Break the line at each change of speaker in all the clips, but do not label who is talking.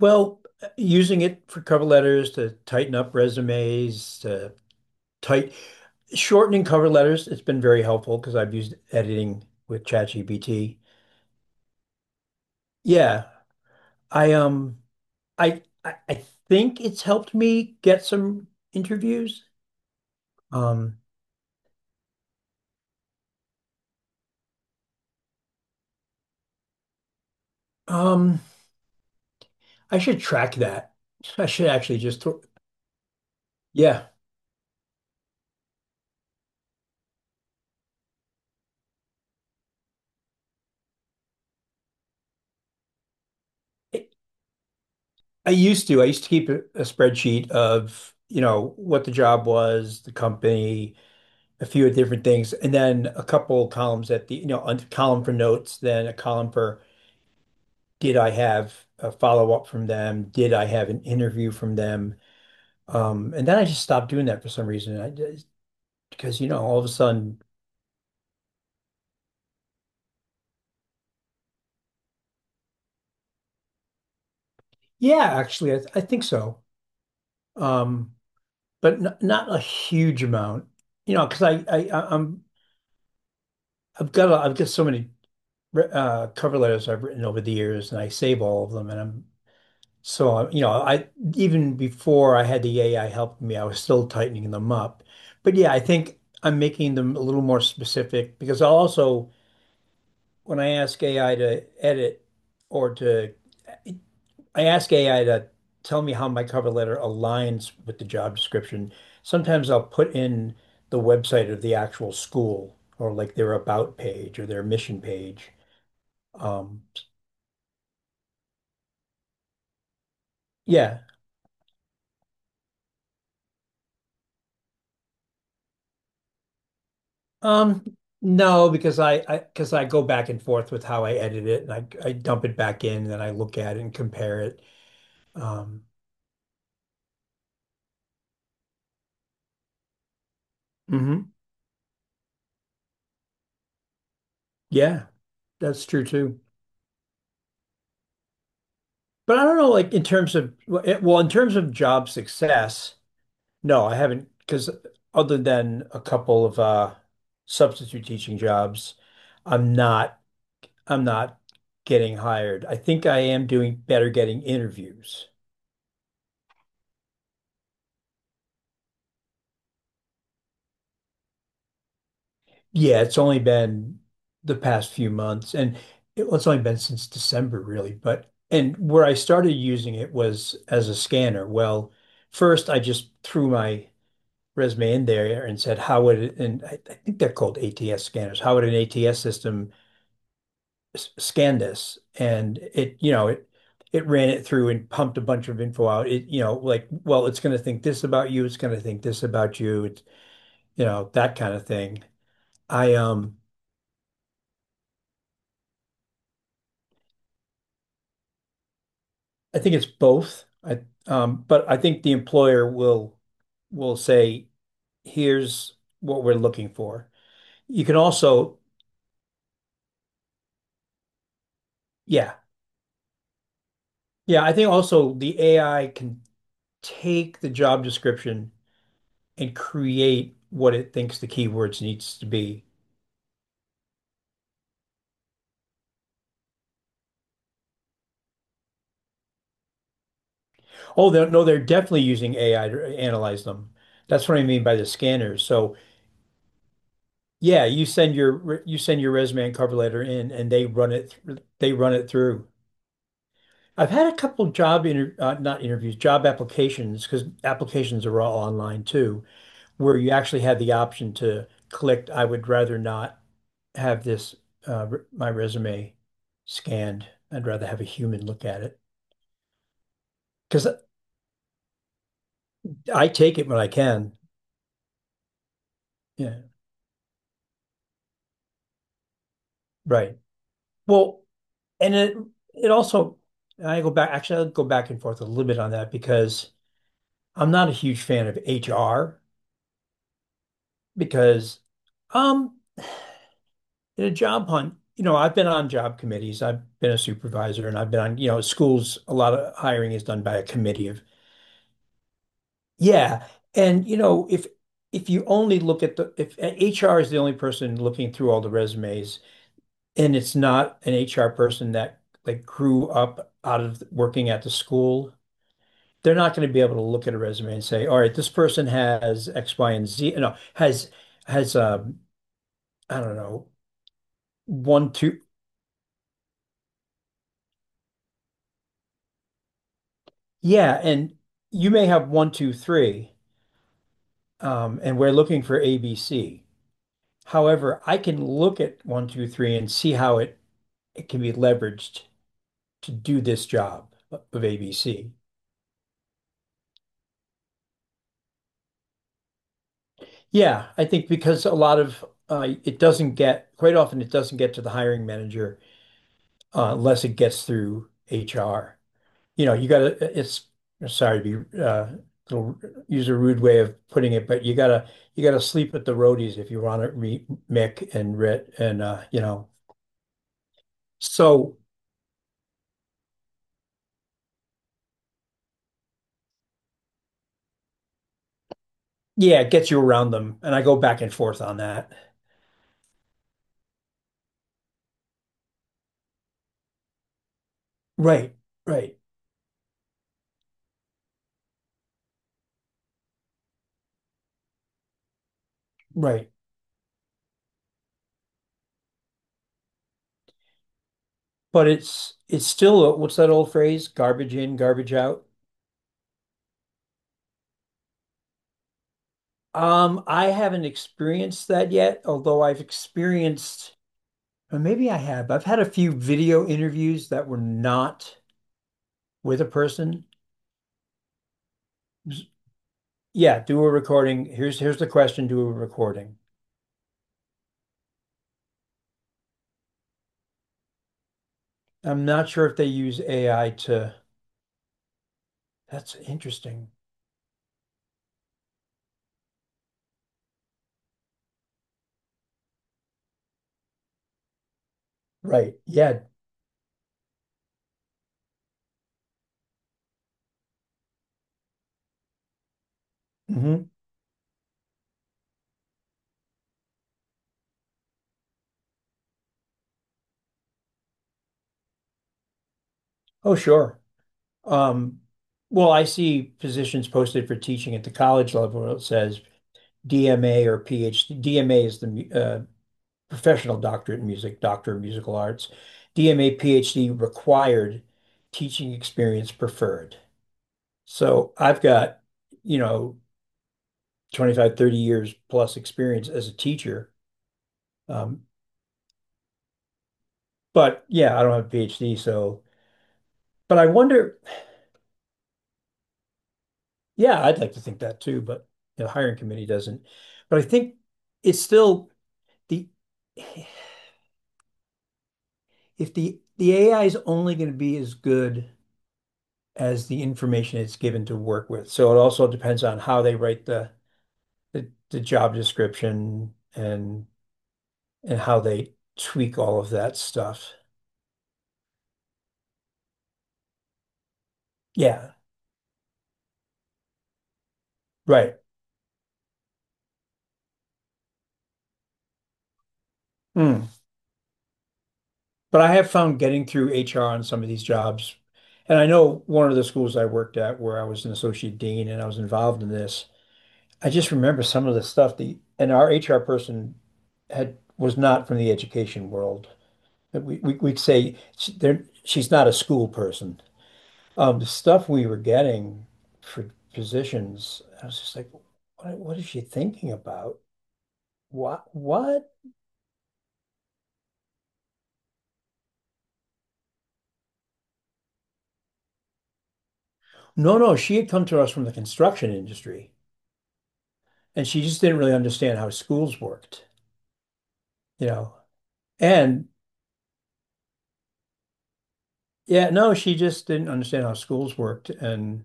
Well, using it for cover letters to tighten up resumes, to tight shortening cover letters, it's been very helpful because I've used editing with ChatGPT. Yeah, I um I think it's helped me get some interviews. Um um I should track that. I should actually just th Yeah. I, I used to. I used to keep a spreadsheet of, what the job was, the company, a few different things, and then a couple columns at the, a column for notes, then a column for: did I have a follow-up from them? Did I have an interview from them? And then I just stopped doing that for some reason. I just, because, all of a sudden. Yeah, actually, I think so. Um, but n not a huge amount, because I'm, I've got so many cover letters I've written over the years, and I save all of them, and I'm. So, I, even before I had the AI helping me, I was still tightening them up. But yeah, I think I'm making them a little more specific because I'll also, when I ask AI to edit or to, I ask AI to tell me how my cover letter aligns with the job description. Sometimes I'll put in the website of the actual school, or like their about page or their mission page. Um, yeah. No, because I because I go back and forth with how I edit it, and I dump it back in and then I look at it and compare it. Um, mhm. Yeah, that's true too. But I don't know, like in terms of well, eh, well, in terms of job success, no, I haven't, because other than a couple of substitute teaching jobs, I'm not I'm not getting hired. I think I am doing better getting interviews. Yeah, it's only been the past few months, and it's only been since December, really. But and where I started using it was as a scanner. Well, first I just threw my resume in there and said, "How would it?" And I think they're called ATS scanners. How would an ATS system scan this? And it ran it through and pumped a bunch of info out. It, like, well, it's going to think this about you. It's going to think this about you. It's that kind of thing. I um. I think it's both. I But I think the employer will say, here's what we're looking for. You can also, yeah. Yeah, I think also the AI can take the job description and create what it thinks the keywords needs to be. Oh, they're, no, they're definitely using AI to analyze them. That's what I mean by the scanners. So yeah, you send your resume and cover letter in, and they run it through. I've had a couple job inter not interviews, job applications, because applications are all online too, where you actually had the option to click, I would rather not have my resume scanned. I'd rather have a human look at it, because I take it when I can. Yeah, right. Well, and it also, I go back actually I'll go back and forth a little bit on that, because I'm not a huge fan of HR, because. Um, In a job hunt, I've been on job committees. I've been a supervisor, and I've been on, schools, a lot of hiring is done by a committee of, yeah. And, if you only look at the, if HR is the only person looking through all the resumes, and it's not an HR person that, like, grew up out of working at the school, they're not going to be able to look at a resume and say, all right, this person has X, Y, and Z, no, has I don't know, one, two. Yeah, and you may have one, two, three, and we're looking for ABC. However, I can look at one, two, three and see how it can be leveraged to do this job of ABC. Yeah, I think because a lot of it doesn't get, quite often it doesn't get to the hiring manager, unless it gets through HR. You gotta, it's, sorry to be, little- use a rude way of putting it, but you gotta sleep at the roadies if you want to meet Mick and Rit and, you know. So, yeah, it gets you around them. And I go back and forth on that. Right, right, right. But it's still, what's that old phrase? Garbage in, garbage out. I haven't experienced that yet, although I've experienced, or maybe I have. I've had a few video interviews that were not with a person. Yeah, do a recording. Here's the question, do a recording. I'm not sure if they use AI to, that's interesting. Right. Yeah. Hmm. Oh, sure. Um, well, I see positions posted for teaching at the college level where it says DMA or PhD. DMA is the professional doctorate in music, doctor of musical arts. DMA, PhD required, teaching experience preferred. So I've got, you know, 25, 30 years plus experience as a teacher. Um, but yeah, I don't have a PhD, so, but I wonder, yeah, I'd like to think that too, but the hiring committee doesn't. But I think it's still, the if the the AI is only going to be as good as the information it's given to work with. So it also depends on how they write the the job description, and how they tweak all of that stuff. Yeah, right. Mm. But I have found getting through HR on some of these jobs. And I know one of the schools I worked at where I was an associate dean and I was involved in this. I just remember some of the stuff, the and our HR person had was not from the education world. We'd say she's not a school person. The stuff we were getting for positions, I was just like, what is she thinking about? What? No, no, she had come to us from the construction industry. And she just didn't really understand how schools worked, you know. And yeah, no, she just didn't understand how schools worked. And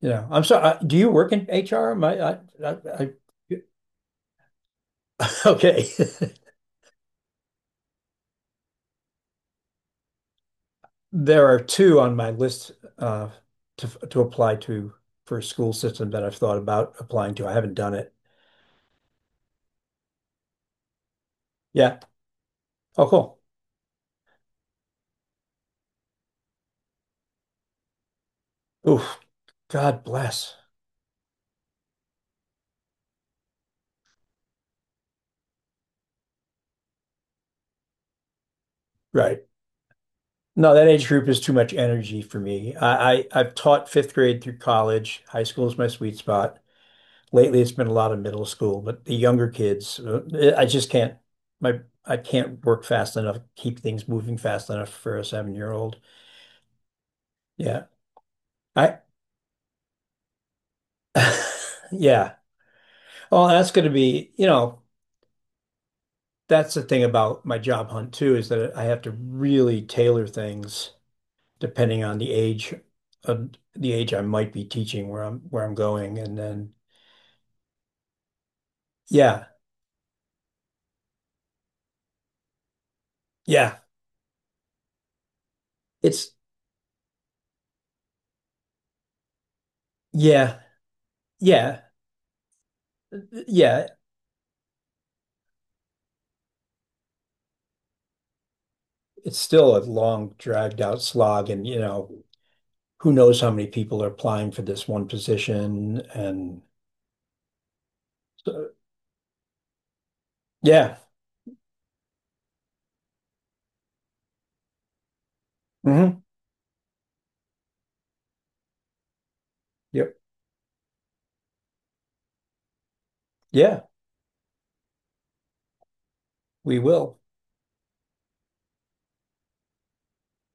you know, I'm sorry, do you work in HR? My, I, I, okay. There are two on my list, uh, to apply to, for a school system that I've thought about applying to. I haven't done it. Yeah. Oh, cool. Oof. God bless. Right. No, that age group is too much energy for me. I've taught fifth grade through college. High school is my sweet spot. Lately, it's been a lot of middle school, but the younger kids, I just can't. My I can't work fast enough, keep things moving fast enough for a 7-year-old. Yeah, I. Yeah. Well, that's going to be, that's the thing about my job hunt too, is that I have to really tailor things depending on the age I might be teaching, where I'm going. And then, yeah, yeah. It's, yeah, yeah, yeah. It's still a long, dragged out slog, and who knows how many people are applying for this one position, and so, yeah. Hmm. Yep, yeah, we will.